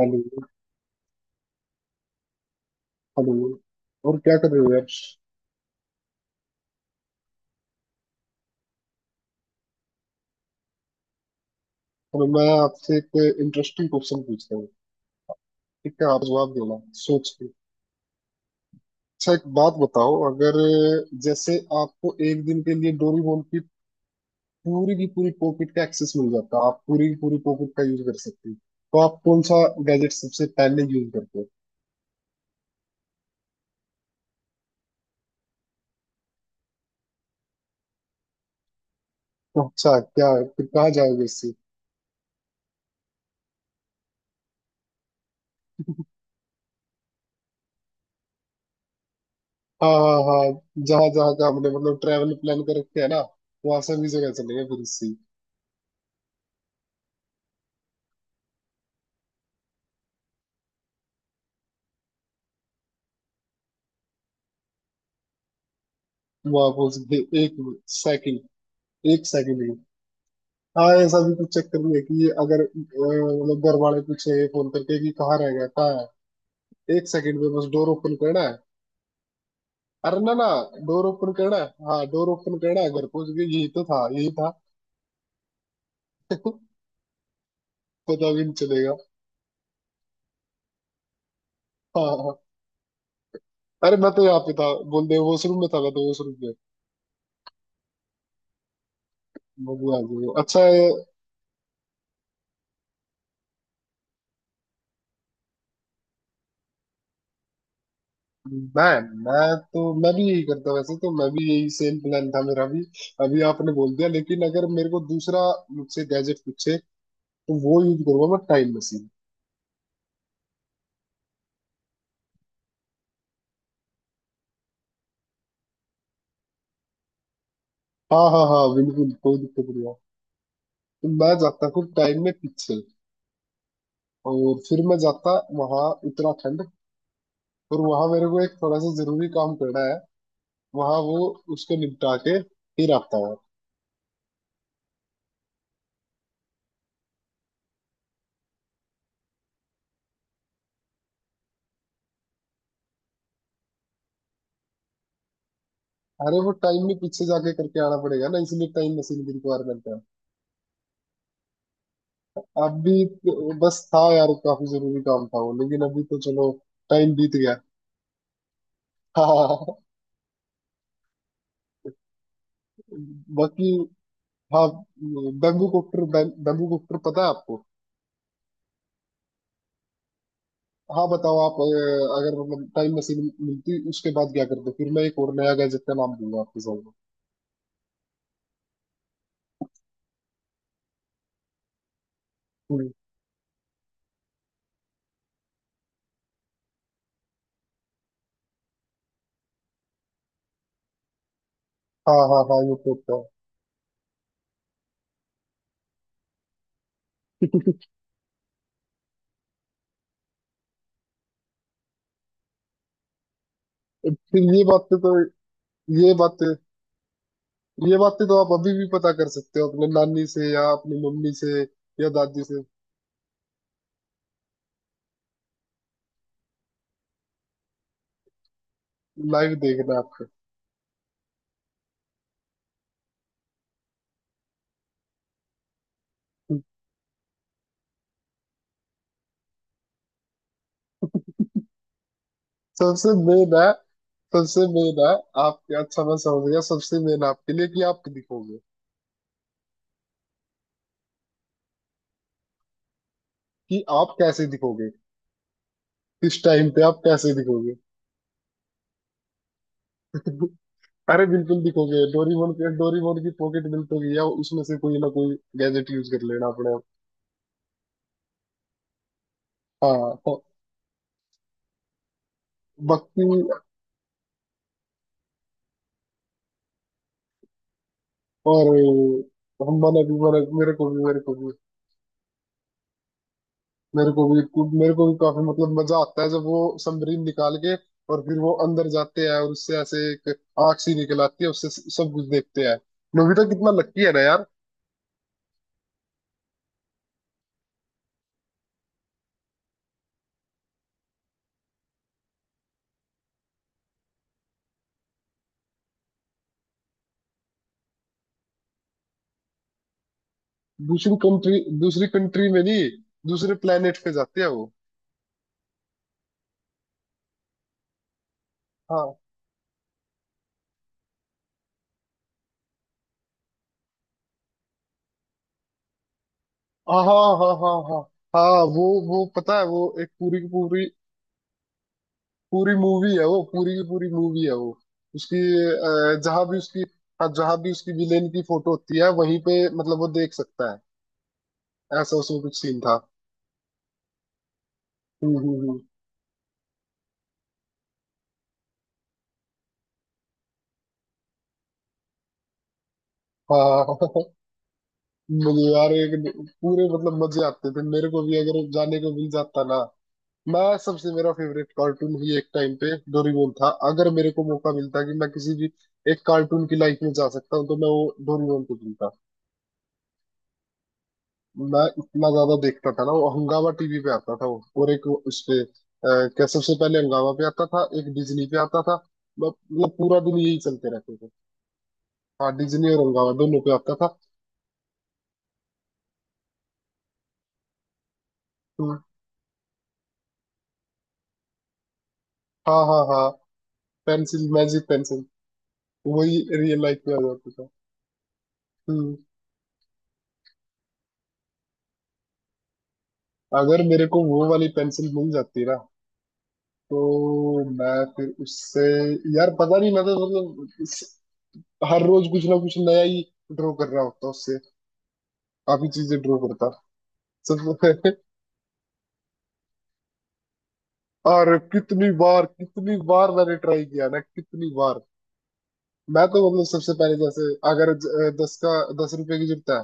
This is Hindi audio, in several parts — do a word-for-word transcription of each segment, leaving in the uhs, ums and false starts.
हेलो। हेलो। और क्या कर रहे हो यार? चलो, मैं आपसे एक इंटरेस्टिंग क्वेश्चन पूछता हूँ। ठीक है, आप जवाब देना सोच के। अच्छा, एक बात बताओ, अगर जैसे आपको एक दिन के लिए डोरीमोन की पूरी की पूरी पॉकेट का एक्सेस मिल जाता, आप पूरी की पूरी पॉकेट का यूज कर सकते हो, तो आप कौन सा गैजेट सबसे पहले यूज करते हो? तो अच्छा, क्या फिर कहाँ जाओगे इससे? हाँ हाँ हाँ। जहाँ जहाँ का हमने मतलब ट्रैवल प्लान कर रखे है ना, वहां से भी जगह चलेंगे फिर इससे। वहां पहुंच गए। एक सेकंड, एक सेकंड की। हाँ, ऐसा भी कुछ चक्कर नहीं है कि अगर अ, मतलब घर वाले पूछे फोन करके कि कहाँ रह गया, कहाँ है, एक सेकंड में बस डोर ओपन करना है। अरे ना ना, डोर ओपन करना है। हाँ, डोर ओपन करना है, घर पहुंच गए, यही तो था, यही था। पता भी नहीं चलेगा। हाँ हाँ हाँ। अरे मैं तो यहाँ पे था, बोल दे वॉशरूम में था, मैं तो वॉशरूम में। बबू आ गई। अच्छा ये- मैं मैं तो मैं भी यही करता, वैसे तो मैं भी यही सेम प्लान था मेरा भी। अभी आपने बोल दिया, लेकिन अगर मेरे को दूसरा मुझसे गैजेट पूछे, तो वो यूज करूंगा मैं, टाइम मशीन। हाँ हाँ हाँ, बिल्कुल कोई दिक्कत नहीं है। तो मैं जाता हूँ टाइम में पीछे, और फिर मैं जाता वहाँ, उत्तराखंड। और वहां मेरे को एक थोड़ा सा जरूरी काम करना है, वहां वो, उसको निपटा के फिर आता हूँ। अरे वो टाइम में पीछे जाके करके आना पड़ेगा ना, इसलिए टाइम मशीन की रिक्वायरमेंट है। अब भी तो बस था यार, काफी जरूरी काम था वो, लेकिन अभी तो चलो, टाइम बीत गया। हाँ। बाकी, हाँ, बैम्बू कॉप्टर, बैम्बू कॉप्टर पता है आपको? हाँ बताओ, आप अ, अगर मतलब टाइम मशीन मिलती, उसके बाद क्या करते, फिर मैं एक और नया गैजेट का नाम दूंगा आपके सामने। हम्म, हाँ हाँ हाँ, ये तो होता है। फिर ये बातें तो, ये बातें, ये बातें तो आप अभी भी पता कर सकते हो अपने नानी से या अपनी मम्मी से, या दादी से, लाइव देखना आपको। हम्म। सबसे मेन है, सबसे मेन है आपके। अच्छा, मैं समझ गया, सबसे मेन आपके लिए कि आप दिखोगे, कि आप कैसे दिखोगे, किस टाइम पे आप कैसे दिखोगे। अरे बिल्कुल दिखोगे, डोरीमोन के डोरीमोन की पॉकेट दिखोगी, या उसमें से कोई ना कोई गैजेट यूज कर लेना अपने आप। हाँ तो बाकी, और हम मना भी मना, मेरे को भी मेरे को भी मेरे को भी मेरे को भी काफी मतलब मजा आता है जब वो समरीन निकाल के, और फिर वो अंदर जाते हैं और उससे ऐसे एक आग सी निकल आती है उससे, सब कुछ देखते हैं। नोबिता कितना लकी है ना यार। दूसरी कंट्री दूसरी कंट्री में नहीं, दूसरे प्लेनेट पे जाते हैं वो। हाँ। हाँ हाँ हाँ हाँ हाँ। हाँ, वो वो पता है वो एक पूरी की पूरी पूरी मूवी है वो पूरी की पूरी मूवी है वो, उसकी। अ, जहाँ भी उसकी, हाँ जहाँ भी उसकी विलेन की फोटो होती है वहीं पे, मतलब वो देख सकता है, ऐसा उसमें कुछ सीन था। हम्म हम्म हम्म। हाँ। मुझे यार एक पूरे मतलब मजे आते थे, मेरे को भी अगर जाने को मिल जाता ना। मैं सबसे, मेरा फेवरेट कार्टून ही एक टाइम पे डोरेमोन था। अगर मेरे को मौका मिलता कि मैं किसी भी एक कार्टून की लाइफ में जा सकता हूँ, तो मैं वो डोरेमोन को चुनता। मैं इतना ज्यादा देखता था ना, वो हंगामा टीवी पे आता था वो, और एक वो उस पे अ, क्या, सबसे पहले हंगामा पे आता था, एक डिज्नी पे आता था। मतलब मतलब पूरा दिन यही चलते रहते थे। हाँ, डिज्नी और हंगामा दोनों पे आता था। हम्म, हाँ हाँ हाँ, पेंसिल, मैजिक पेंसिल, वही रियल लाइफ में आ जाता था। हम्म अगर मेरे को वो वाली पेंसिल मिल जाती ना, तो मैं फिर उससे, यार पता नहीं, मैं तो मतलब इस- हर रोज कुछ ना कुछ नया ही ड्रॉ कर रहा होता उससे, काफी चीजें ड्रॉ करता सब। और कितनी बार कितनी बार मैंने ट्राई किया ना, कितनी बार। मैं तो मतलब सबसे पहले जैसे, अगर ज- दस का, दस रुपए की जरूरत है,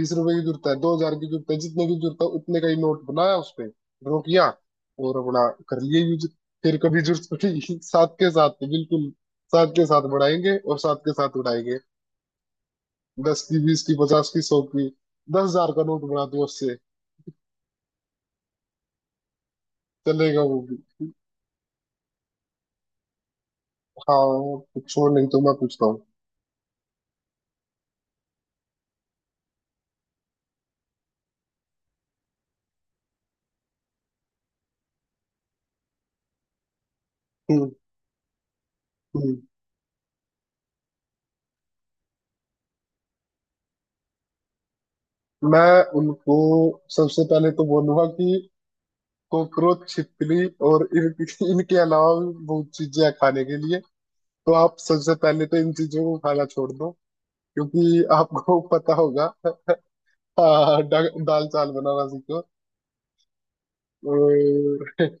बीस रुपए की जरूरत है, दो हज़ार की जरूरत है, जितने की जरूरत है उतने का ही नोट बनाया उस पे रोकिया, और अपना कर लिए यूज। फिर कभी जरूरत पड़ी साथ के साथ, बिल्कुल साथ के साथ बढ़ाएंगे और साथ के साथ उड़ाएंगे, दस की, बीस की, पचास की, सौ की, दस हज़ार का नोट बना दो उससे, चलेगा वो भी। हाँ, कुछ और नहीं तो मैं पूछता हूँ। हम्म। हम्म। मैं उनको सबसे पहले तो बोलूंगा कि कॉकरोच, छिपकली और इनकी इनके अलावा भी बहुत चीजें हैं खाने के लिए, तो आप सबसे पहले तो इन चीजों को खाना छोड़ दो, क्योंकि आपको पता होगा। हाँ, डा- दाल चावल बनाना सीखो। और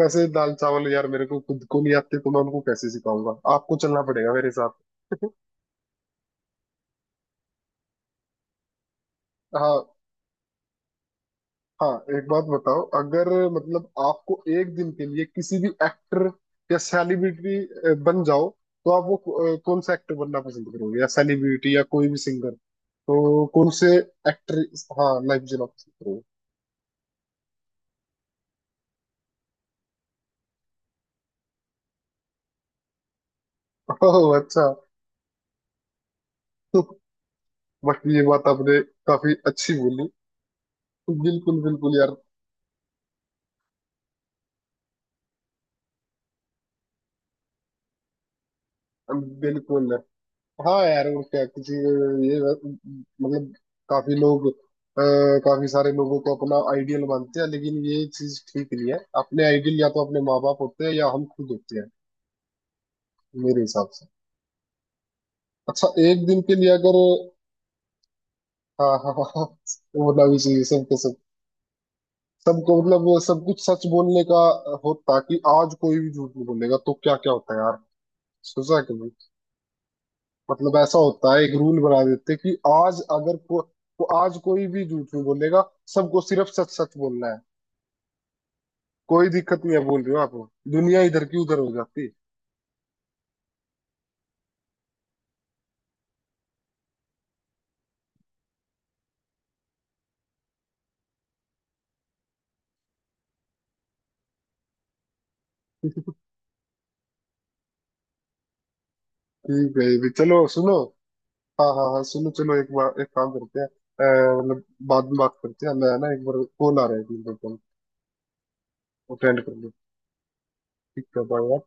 वैसे दाल चावल यार मेरे को खुद को नहीं आते, तो मैं उनको कैसे सिखाऊंगा, आपको चलना पड़ेगा मेरे साथ। हाँ हाँ, एक बात बताओ, अगर मतलब आपको एक दिन के लिए किसी भी एक्टर या सेलिब्रिटी बन जाओ, तो आप वो अ, कौन सा एक्टर बनना पसंद करोगे, या सेलिब्रिटी, या कोई भी सिंगर, तो कौन से एक्टर, हाँ, लाइफ जीना पसंद करोगे? ओह अच्छा। तो बट ये बात आपने काफी अच्छी बोली। तो बिल्कुल बिल्कुल यार, बिल्कुल। हाँ यार, और क्या, किसी ये मतलब काफी लोग अ, काफी सारे लोगों को अपना आइडियल मानते हैं, लेकिन ये चीज ठीक नहीं है, अपने आइडियल या तो अपने माँ बाप होते हैं, या हम खुद होते हैं, मेरे हिसाब से। अच्छा, एक दिन के लिए अगर, हाँ हाँ हाँ हाँ, होना भी चाहिए, सबके सब सबको मतलब सब कुछ सच बोलने का होता कि आज कोई भी झूठ नहीं बोलेगा, तो क्या क्या होता है यार, सोचा है? मतलब ऐसा होता है, एक रूल बना देते हैं कि आज अगर को, को आज कोई भी झूठ नहीं बोलेगा, सबको सिर्फ सच सच बोलना है, कोई दिक्कत नहीं है बोल रहे हो आप, दुनिया इधर की उधर हो जाती है। ठीक है, ये भी चलो सुनो। हाँ हाँ हाँ, सुनो, चलो एक बार एक काम करते हैं, अ, मतलब बाद में बात करते हैं, मैं ना एक बार कॉल आ रहा है, एक मिनट रुको, अटेंड कर लो। ठीक है, बाय।